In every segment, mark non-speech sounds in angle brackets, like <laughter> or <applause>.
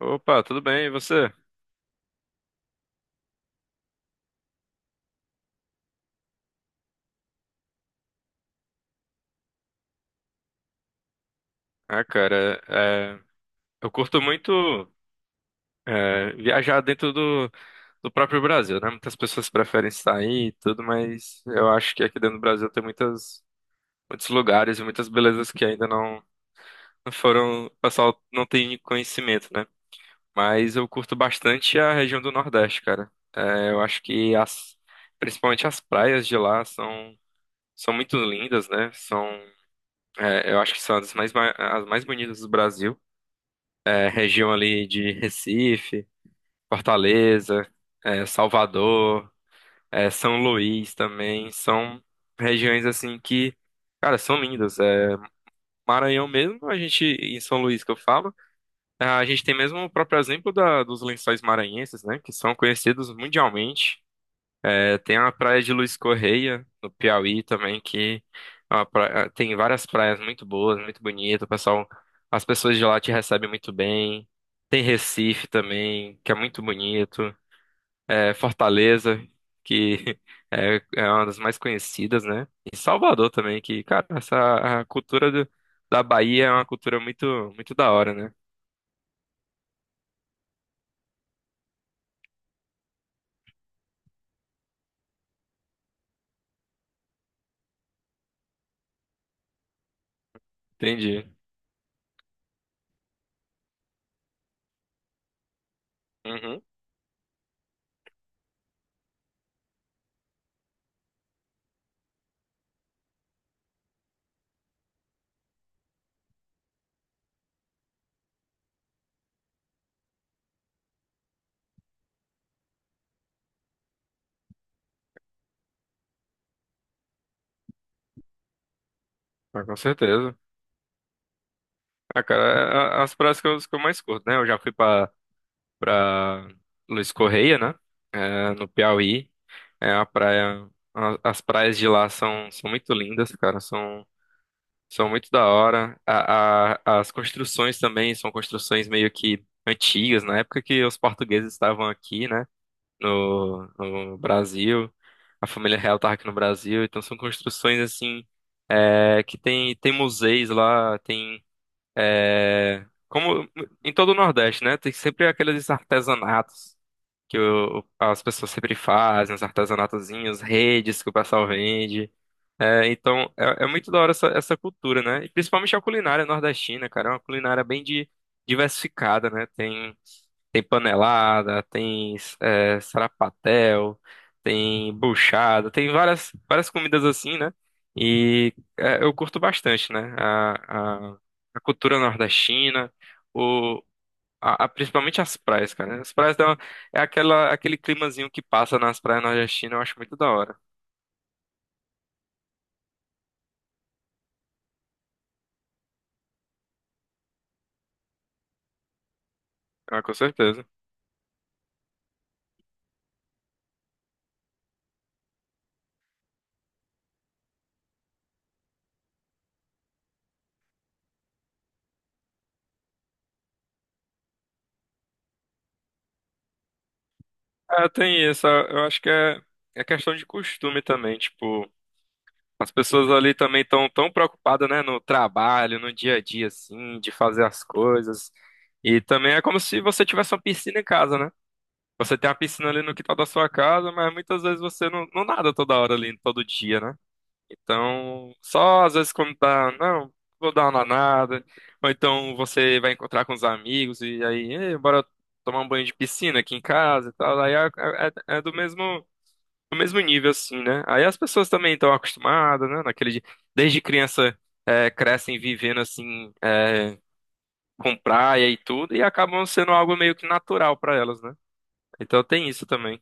Opa, tudo bem? E você? Ah, cara, é, eu curto muito viajar dentro do próprio Brasil, né? Muitas pessoas preferem sair e tudo, mas eu acho que aqui dentro do Brasil muitos lugares e muitas belezas que ainda não, não foram, o pessoal não tem conhecimento, né? Mas eu curto bastante a região do Nordeste, cara. Eu acho que principalmente as praias de são muito lindas, né? Eu acho que são as mais bonitas do Brasil. A região ali de Recife, Fortaleza, Salvador, São Luís também, são regiões assim que, cara, são lindas. Maranhão mesmo, a gente, em São Luís que eu falo, a gente tem mesmo o próprio exemplo dos lençóis maranhenses, né, que são conhecidos mundialmente. É, tem a praia de Luiz Correia, no Piauí também, que tem várias praias muito boas, muito bonitas. As pessoas de lá te recebem muito bem. Tem Recife também, que é muito bonito. É, Fortaleza, que <laughs> é uma das mais conhecidas, né? E Salvador também, que, cara, essa a cultura da Bahia é uma muito da hora, né? Entendi. Uhum. Ah, com certeza. Ah, cara, as praias que eu mais curto, né? Eu já fui pra para Luiz Correia, né? É, no Piauí. É a praia. As praias de são muito lindas, cara. São muito da hora. As construções também são construções meio que antigas, na época que os portugueses estavam aqui, né? No Brasil. A família real estava aqui no Brasil. Então são construções assim. Tem museus lá, tem. Como em todo o Nordeste, né? Tem sempre aqueles artesanatos que as pessoas sempre fazem, os artesanatozinhos, redes que o pessoal vende. É, então, é muito da hora essa cultura, né? E principalmente a culinária nordestina, cara. É uma culinária bem diversificada, né? Tem panelada, tem sarapatel, tem buchada, tem várias comidas assim, né? E é, eu curto bastante, né? A cultura nordestina principalmente as praias, cara. As praias, é aquele climazinho que passa nas praias nordestinas, eu acho muito da hora. Ah, com certeza. Ah, tem isso. Eu acho que é questão de costume também. Tipo, as pessoas ali também estão tão preocupadas, né, no trabalho, no dia a dia, assim, de fazer as coisas. E também é como se você tivesse uma piscina em casa, né? Você tem a piscina ali no quintal da sua casa, mas muitas vezes você não nada toda hora ali, todo dia, né? Então, só às vezes quando tá, não, vou dar uma danada. Ou então você vai encontrar com os amigos e aí, "Ei, bora tomar um banho de piscina aqui em casa e tal. Aí é do do mesmo nível, assim, né? Aí as pessoas também estão acostumadas, né? Desde criança crescem vivendo assim, com praia e tudo, e acabam sendo algo meio que natural para elas, né? Então tem isso também.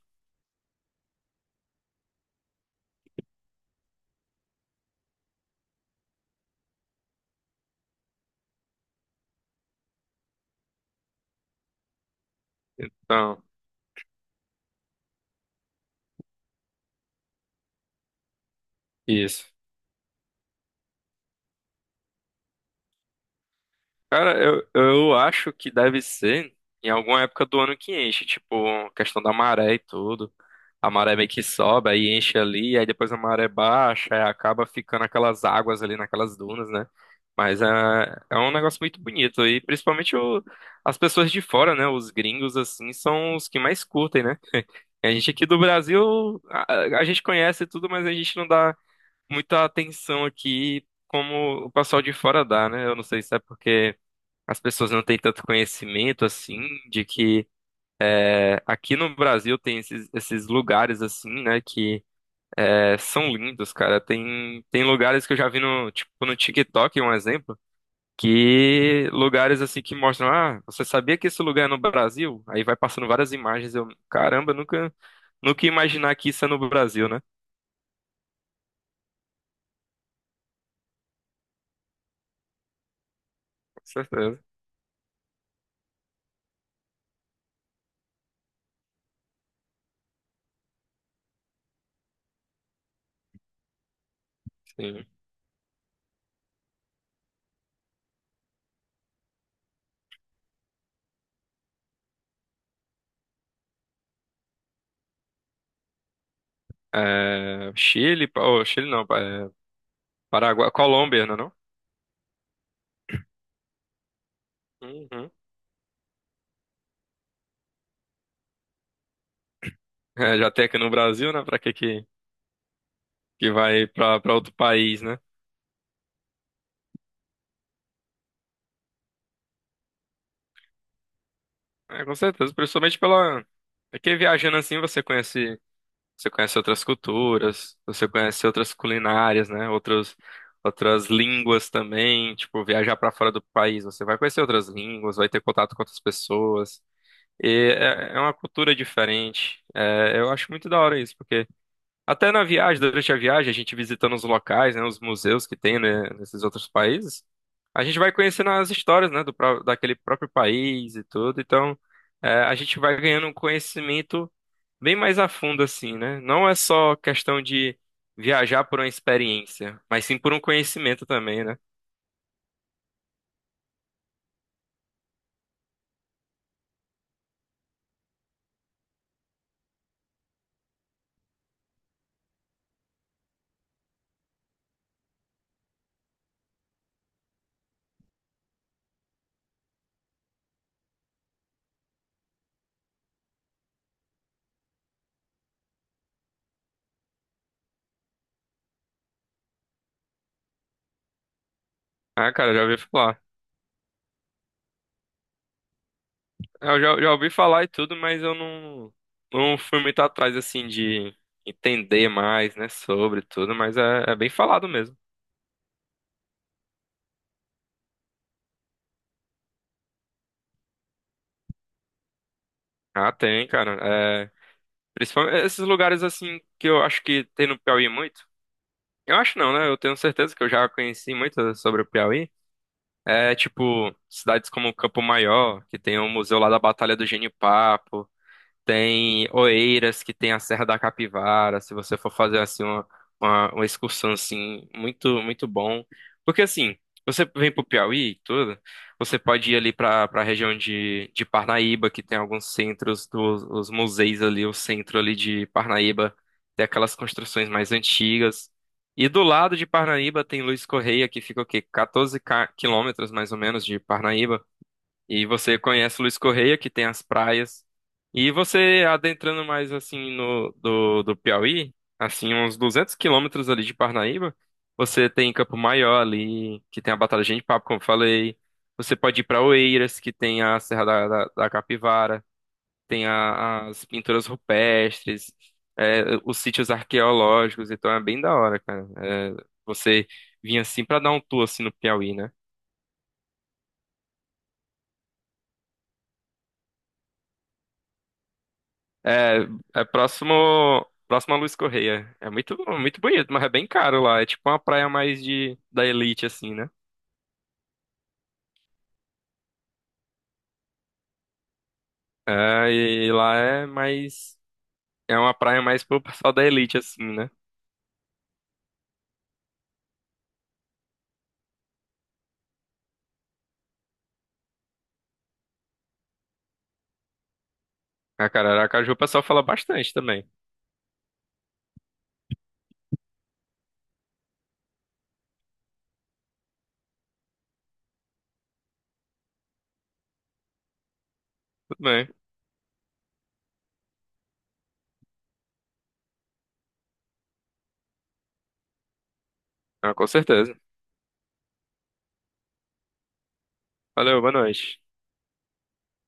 Então, isso. Cara, eu acho que deve ser em alguma época do ano que enche, tipo, questão da maré e tudo. A maré meio que sobe, aí enche ali, aí depois a maré baixa, aí acaba ficando aquelas águas ali naquelas dunas, né? Mas é um negócio muito bonito, e principalmente as pessoas de fora, né? Os gringos, assim, são os que mais curtem, né? A gente aqui do Brasil, a gente conhece tudo, mas a gente não dá muita atenção aqui como o pessoal de fora dá, né? Eu não sei se é porque as pessoas não têm tanto conhecimento assim de que aqui no Brasil tem esses lugares assim, né, que são lindos, cara. Tem lugares que eu já vi no tipo no TikTok, um exemplo, que lugares assim que mostram, ah, você sabia que esse lugar é no Brasil? Aí vai passando várias imagens, eu, caramba, nunca ia imaginar que isso é no Brasil, né? Com certeza. Sim. É, Chile, oh, Chile não, é, Paraguai, Colômbia, não é não? Uhum. É, já tem aqui no Brasil, né? Pra que que vai pra pra outro país, né? É, com certeza, principalmente pela. É que viajando assim você você conhece outras culturas, você conhece outras culinárias, né? Outras línguas também. Tipo, viajar pra fora do país, você vai conhecer outras línguas, vai ter contato com outras pessoas. É uma cultura diferente. É, eu acho muito da hora isso, porque até na viagem, durante a viagem, a gente visitando os locais, né, os museus que tem, né, nesses outros países, a gente vai conhecendo as histórias, né, daquele próprio país e tudo. Então, a gente vai ganhando um conhecimento bem mais a fundo, assim, né? Não é só questão de viajar por uma experiência, mas sim por um conhecimento também, né? Ah, cara, eu já ouvi falar. Já ouvi falar e tudo, mas eu não fui muito atrás, assim, de entender mais, né, sobre tudo, mas é bem falado mesmo. Ah, tem, cara. É, principalmente esses lugares assim que eu acho que tem no Piauí muito. Eu acho não, né? Eu tenho certeza que eu já conheci muito sobre o Piauí. É tipo cidades como Campo Maior, que tem o museu lá da Batalha do Genipapo. Tem Oeiras, que tem a Serra da Capivara, se você for fazer assim uma excursão assim, muito bom. Porque assim, você vem pro Piauí e tudo, você pode ir ali pra para região de Parnaíba, que tem alguns centros dos os museus ali, o centro ali de Parnaíba, tem aquelas construções mais antigas. E do lado de Parnaíba tem Luiz Correia, que fica o quê? 14 quilômetros mais ou menos de Parnaíba. E você conhece Luiz Correia, que tem as praias. E você adentrando mais assim no do Piauí, assim, uns 200 quilômetros ali de Parnaíba, você tem Campo Maior ali, que tem a Batalha de Papo, como eu falei. Você pode ir para Oeiras, que tem a Serra da Capivara, tem as pinturas rupestres, é, os sítios arqueológicos, então é bem da hora, cara. É, você vir assim para dar um tour assim no Piauí, né? É, é próximo a Luiz Correia. É muito, muito bonito, mas é bem caro lá. É tipo uma praia mais da elite, assim, né? É, e lá é mais. É uma praia mais pro pessoal da elite, assim, né? A cara, Aracaju o pessoal fala bastante também. Tudo bem. Ah, com certeza. Valeu, boa noite.